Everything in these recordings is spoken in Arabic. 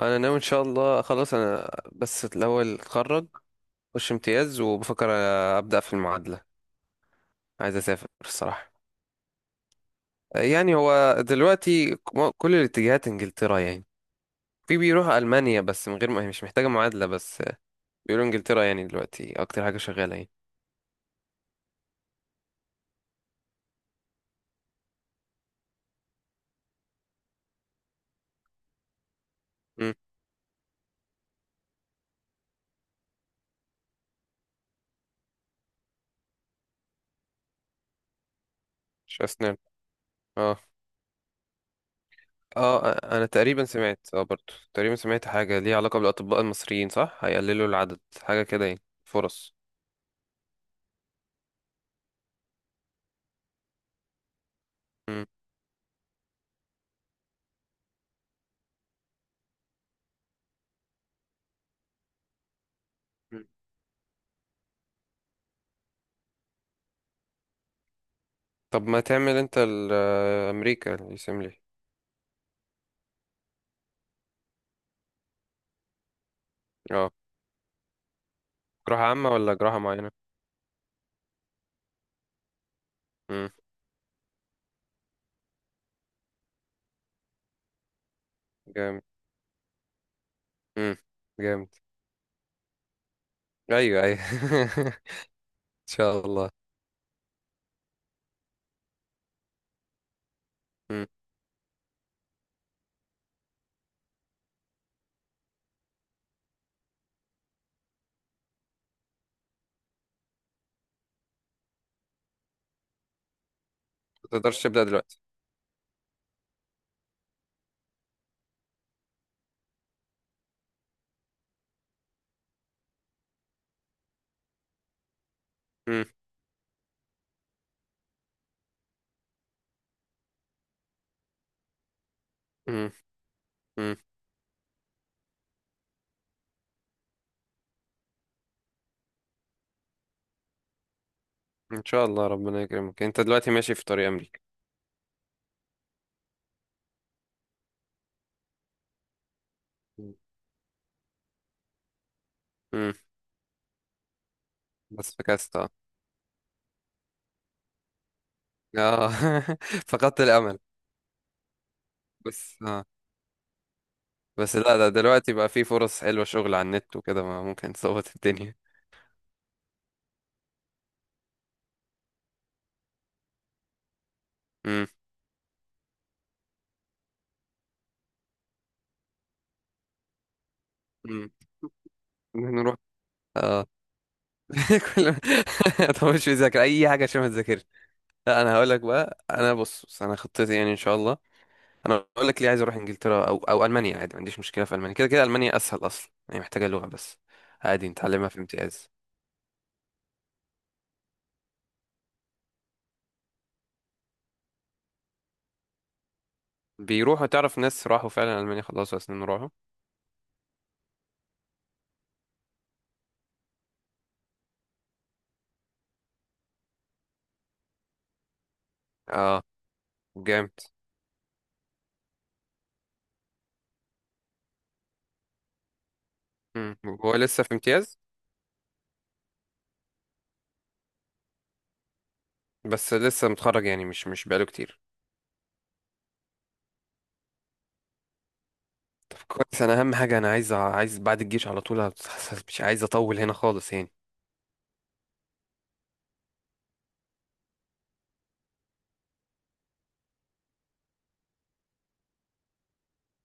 انا ناوي ان شاء الله. خلاص انا بس الاول اتخرج، اخش امتياز، وبفكر ابدا في المعادله. عايز اسافر الصراحه. يعني هو دلوقتي كل الاتجاهات انجلترا يعني. في بيروح المانيا بس من غير ما مش محتاجه معادله. بس بيقولوا انجلترا يعني دلوقتي اكتر حاجه شغاله يعني. امم مش اسنان. اه، اه. انا تقريبا سمعت، برضو تقريبا سمعت حاجه ليها علاقه بالاطباء المصريين. صح، هيقللوا العدد، حاجه كده يعني فرص. مم. طب ما تعمل انت امريكا اللي يسملي. اه. جراحة عامة ولا جراحة معينة؟ امم. جامد. امم. جامد. ايوه، ايوه. ان شاء الله. امم. ما تقدرش تبدأ دلوقتي. امم. امم. امم. ان شاء الله ربنا يكرمك. انت دلوقتي ماشي في طريق امريكا. امم. بس فكست، اه. اه. فقدت الامل. بس اه. بس لا، ده دلوقتي بقى في فرص حلوة، شغل على النت وكده، ما ممكن تظبط الدنيا. امم. امم. نروح، اه. كل ما تخش تذاكر اي حاجة عشان ما تذاكرش. لا، انا هقول لك بقى. انا، بص بص، انا خطتي يعني ان شاء الله. انا هقول لك ليه عايز اروح انجلترا او المانيا. عادي ما عنديش مشكله في المانيا. كده كده المانيا اسهل اصلا، يعني محتاجه لغه بس. عادي نتعلمها في امتياز. بيروحوا. تعرف ناس راحوا فعلا المانيا، خلصوا، سنين راحوا، اه. جامد. مم. هو لسه في امتياز؟ بس لسه متخرج، يعني مش بقاله كتير. كويس. انا اهم حاجه، انا عايز بعد الجيش على طول. مش عايز اطول هنا خالص يعني.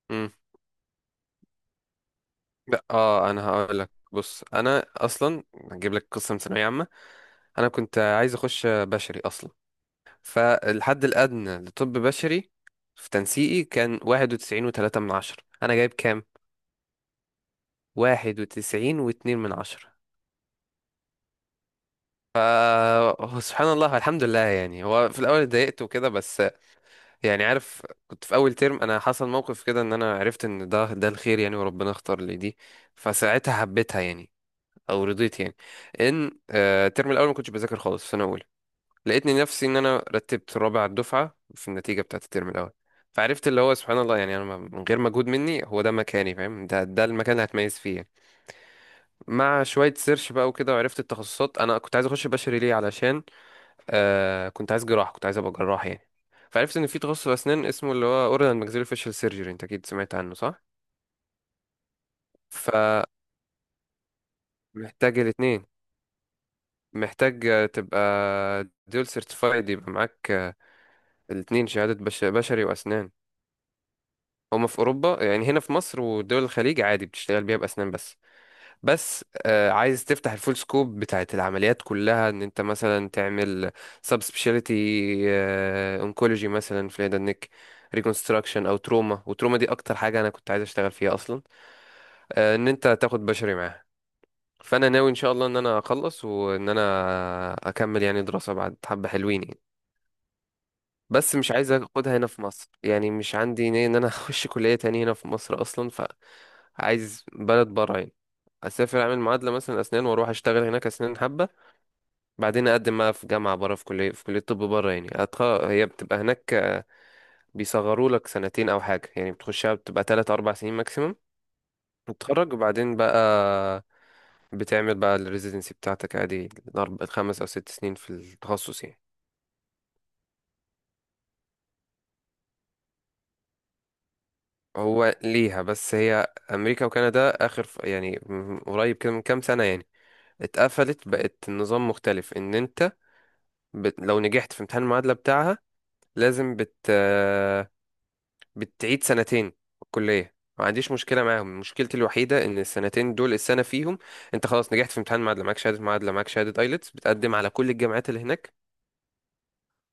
مم. لا، اه، انا هقول لك، بص، انا اصلا هجيب لك قصه من ثانويه عامه. انا كنت عايز اخش بشري اصلا. فالحد الادنى لطب بشري في تنسيقي كان 91.3 من 10. انا جايب كام؟ 91.2 من 10. ف هو سبحان الله، الحمد لله يعني. هو في الاول اتضايقت وكده، بس يعني عارف، كنت في اول ترم، انا حصل موقف كده ان انا عرفت ان ده الخير يعني، وربنا اختار لي دي. فساعتها حبيتها يعني، او رضيت يعني. ان الترم الاول ما كنتش بذاكر خالص، في سنه اولى. لقيتني نفسي ان انا رتبت رابع الدفعه في النتيجه بتاعت الترم الاول. فعرفت اللي هو سبحان الله يعني، انا من غير مجهود مني هو ده مكاني، فاهم، ده المكان اللي هتميز فيه يعني. مع شويه سيرش بقى وكده، وعرفت التخصصات. انا كنت عايز اخش بشري ليه؟ علشان آه، كنت عايز ابقى جراح يعني. فعرفت ان في تخصص اسنان اسمه اللي هو اورال اند ماكسيلو فيشل سيرجري. انت اكيد سمعت عنه صح؟ فمحتاج الاثنين. محتاج تبقى دول سيرتيفايد. يبقى معاك الاثنين شهاده بشري واسنان. هما في اوروبا يعني. هنا في مصر ودول الخليج عادي بتشتغل بيها باسنان بس. بس عايز تفتح الفول سكوب بتاعت العمليات كلها، ان انت مثلا تعمل سبيشاليتي. اونكولوجي مثلا في الهيد اند نيك ريكونستراكشن، او تروما. وتروما دي اكتر حاجه انا كنت عايز اشتغل فيها اصلا. آه، ان انت تاخد بشري معاها. فانا ناوي ان شاء الله ان انا اخلص وان انا اكمل يعني دراسه بعد، حبه حلوين يعني. بس مش عايز اخدها هنا في مصر يعني، مش عندي نية ان انا اخش كليه تانية هنا في مصر اصلا. عايز بلد بره يعني، اسافر اعمل معادله مثلا اسنان، واروح اشتغل هناك اسنان حبه. بعدين اقدم بقى في جامعه بره، في كليه طب بره يعني. هي بتبقى هناك. بيصغروا لك سنتين او حاجه يعني. بتخشها بتبقى 3 4 سنين ماكسيمم. وتتخرج، وبعدين بقى بتعمل بقى الريزيدنسي بتاعتك عادي، 5 او 6 سنين في التخصص يعني. هو ليها بس، هي امريكا وكندا اخر يعني قريب كده من كام سنه يعني. اتقفلت. بقت النظام مختلف، ان انت لو نجحت في امتحان المعادلة بتاعها لازم بت... آه، بتعيد سنتين في الكلية. ما عنديش مشكلة معاهم. مشكلتي الوحيدة ان السنتين دول، السنة فيهم انت خلاص نجحت في امتحان المعادلة، معاك شهادة معادلة، معاك شهادة ايلتس، بتقدم على كل الجامعات اللي هناك،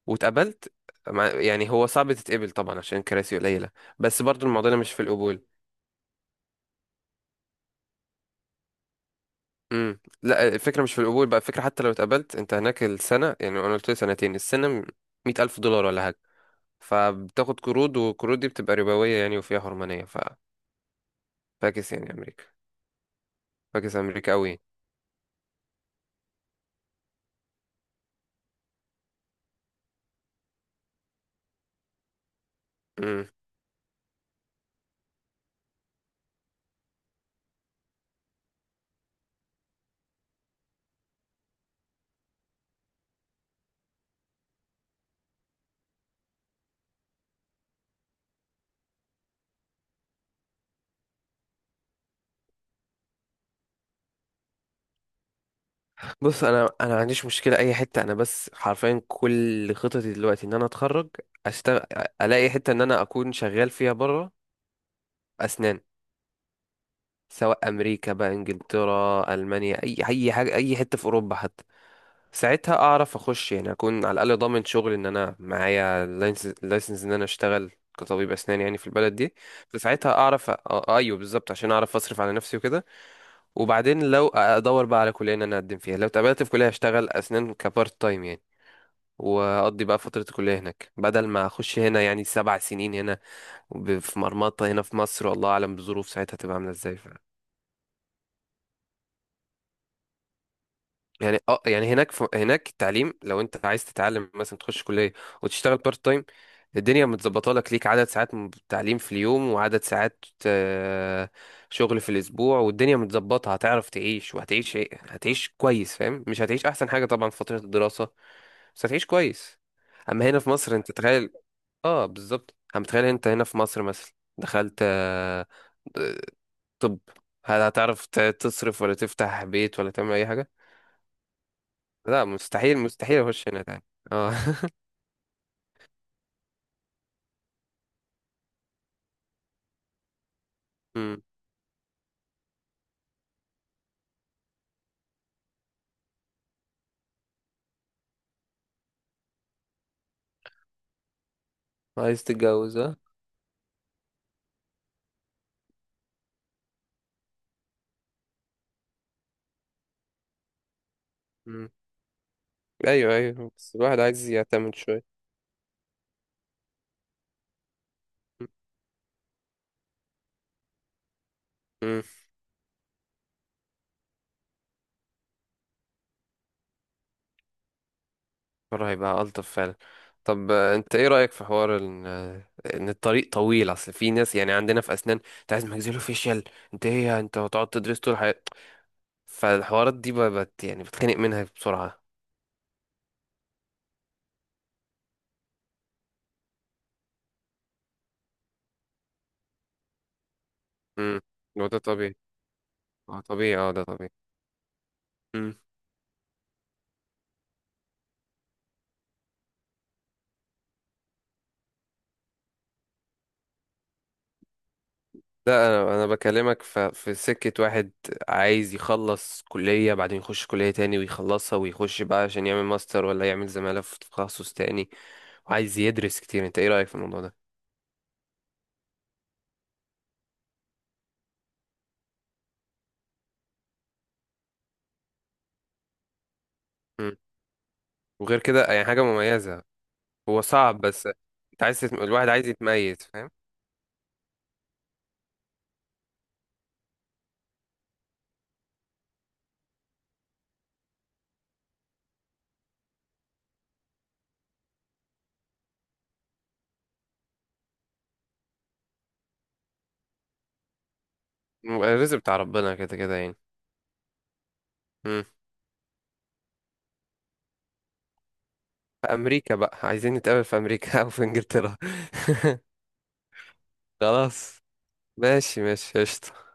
واتقبلت. يعني هو صعب تتقبل طبعا عشان الكراسي قليلة. بس برضو المعضلة مش في القبول. لا، الفكرة مش في القبول بقى. الفكرة حتى لو اتقبلت انت هناك، السنة يعني انا قلت لي سنتين، السنة 100,000 دولار ولا حاجة. فبتاخد قروض، والقروض دي بتبقى ربوية يعني وفيها حرمانية. فاكس يعني أمريكا. فاكس أمريكا أوي. مم. بص، أنا ما عنديش مشكلة أي حتة. أنا بس حرفيا كل خططي دلوقتي إن أنا أتخرج، أشتغل، ألاقي حتة إن أنا أكون شغال فيها بره، أسنان. سواء أمريكا بقى، إنجلترا، ألمانيا، أي حاجة، أي حتة في أوروبا حتى. ساعتها اعرف اخش يعني، اكون على الاقل ضامن شغل ان انا معايا لايسنس ان انا اشتغل كطبيب اسنان يعني في البلد دي. فساعتها اعرف ايوه بالظبط، عشان اعرف اصرف على نفسي وكده. وبعدين لو ادور بقى على كليه ان انا اقدم فيها، لو اتقبلت في كليه هشتغل اسنان كبارت تايم يعني. واقضي بقى فتره الكليه هناك، بدل ما اخش هنا يعني 7 سنين هنا في مرمطه هنا في مصر، والله اعلم بظروف ساعتها تبقى عامله ازاي. يعني يعني هناك هناك التعليم، لو انت عايز تتعلم مثلا تخش كليه وتشتغل بارت تايم. الدنيا متظبطه لك عدد ساعات تعليم في اليوم، وعدد ساعات شغل في الاسبوع. والدنيا متظبطه، هتعرف تعيش وهتعيش، ايه، هتعيش كويس، فاهم، مش هتعيش احسن حاجه طبعا في فتره الدراسه. بس هتعيش كويس. اما هنا في مصر انت تخيل. اه بالظبط، اما تخيل انت هنا في مصر مثلا، دخلت طب، هل هتعرف تصرف ولا تفتح بيت ولا تعمل اي حاجه؟ لا، مستحيل مستحيل اخش هنا تاني، اه. أمم. عايز تتجوز، ها؟ أمم. ايوه، ايوه، بس الواحد عايز يعتمد شويه. أمم. المره هيبقى الطف فعلا. طب انت ايه رايك في حوار ان الطريق طويل؟ اصل في ناس يعني عندنا في اسنان، انت عايز ماكسيلو فيشيال. انت ايه يعني؟ انت هتقعد تدرس طول حياتك؟ فالحوارات دي بقت يعني بتخنق منها بسرعه. امم. هو ده طبيعي. اه طبيعي. اه، ده طبيعي. لا، انا بكلمك في سكه واحد. عايز يخلص كليه بعدين يخش كليه تاني ويخلصها، ويخش بقى عشان يعمل ماستر ولا يعمل زماله في تخصص تاني، وعايز يدرس كتير. انت ايه رايك في الموضوع ده؟ مم. وغير كده يعني حاجه مميزه. هو صعب، بس انت عايز الواحد عايز يتميز، فاهم. الرزق بتاع ربنا كده كده يعني. مم. في امريكا بقى، عايزين نتقابل في امريكا، او في انجلترا. خلاص، ماشي ماشي، قشطة.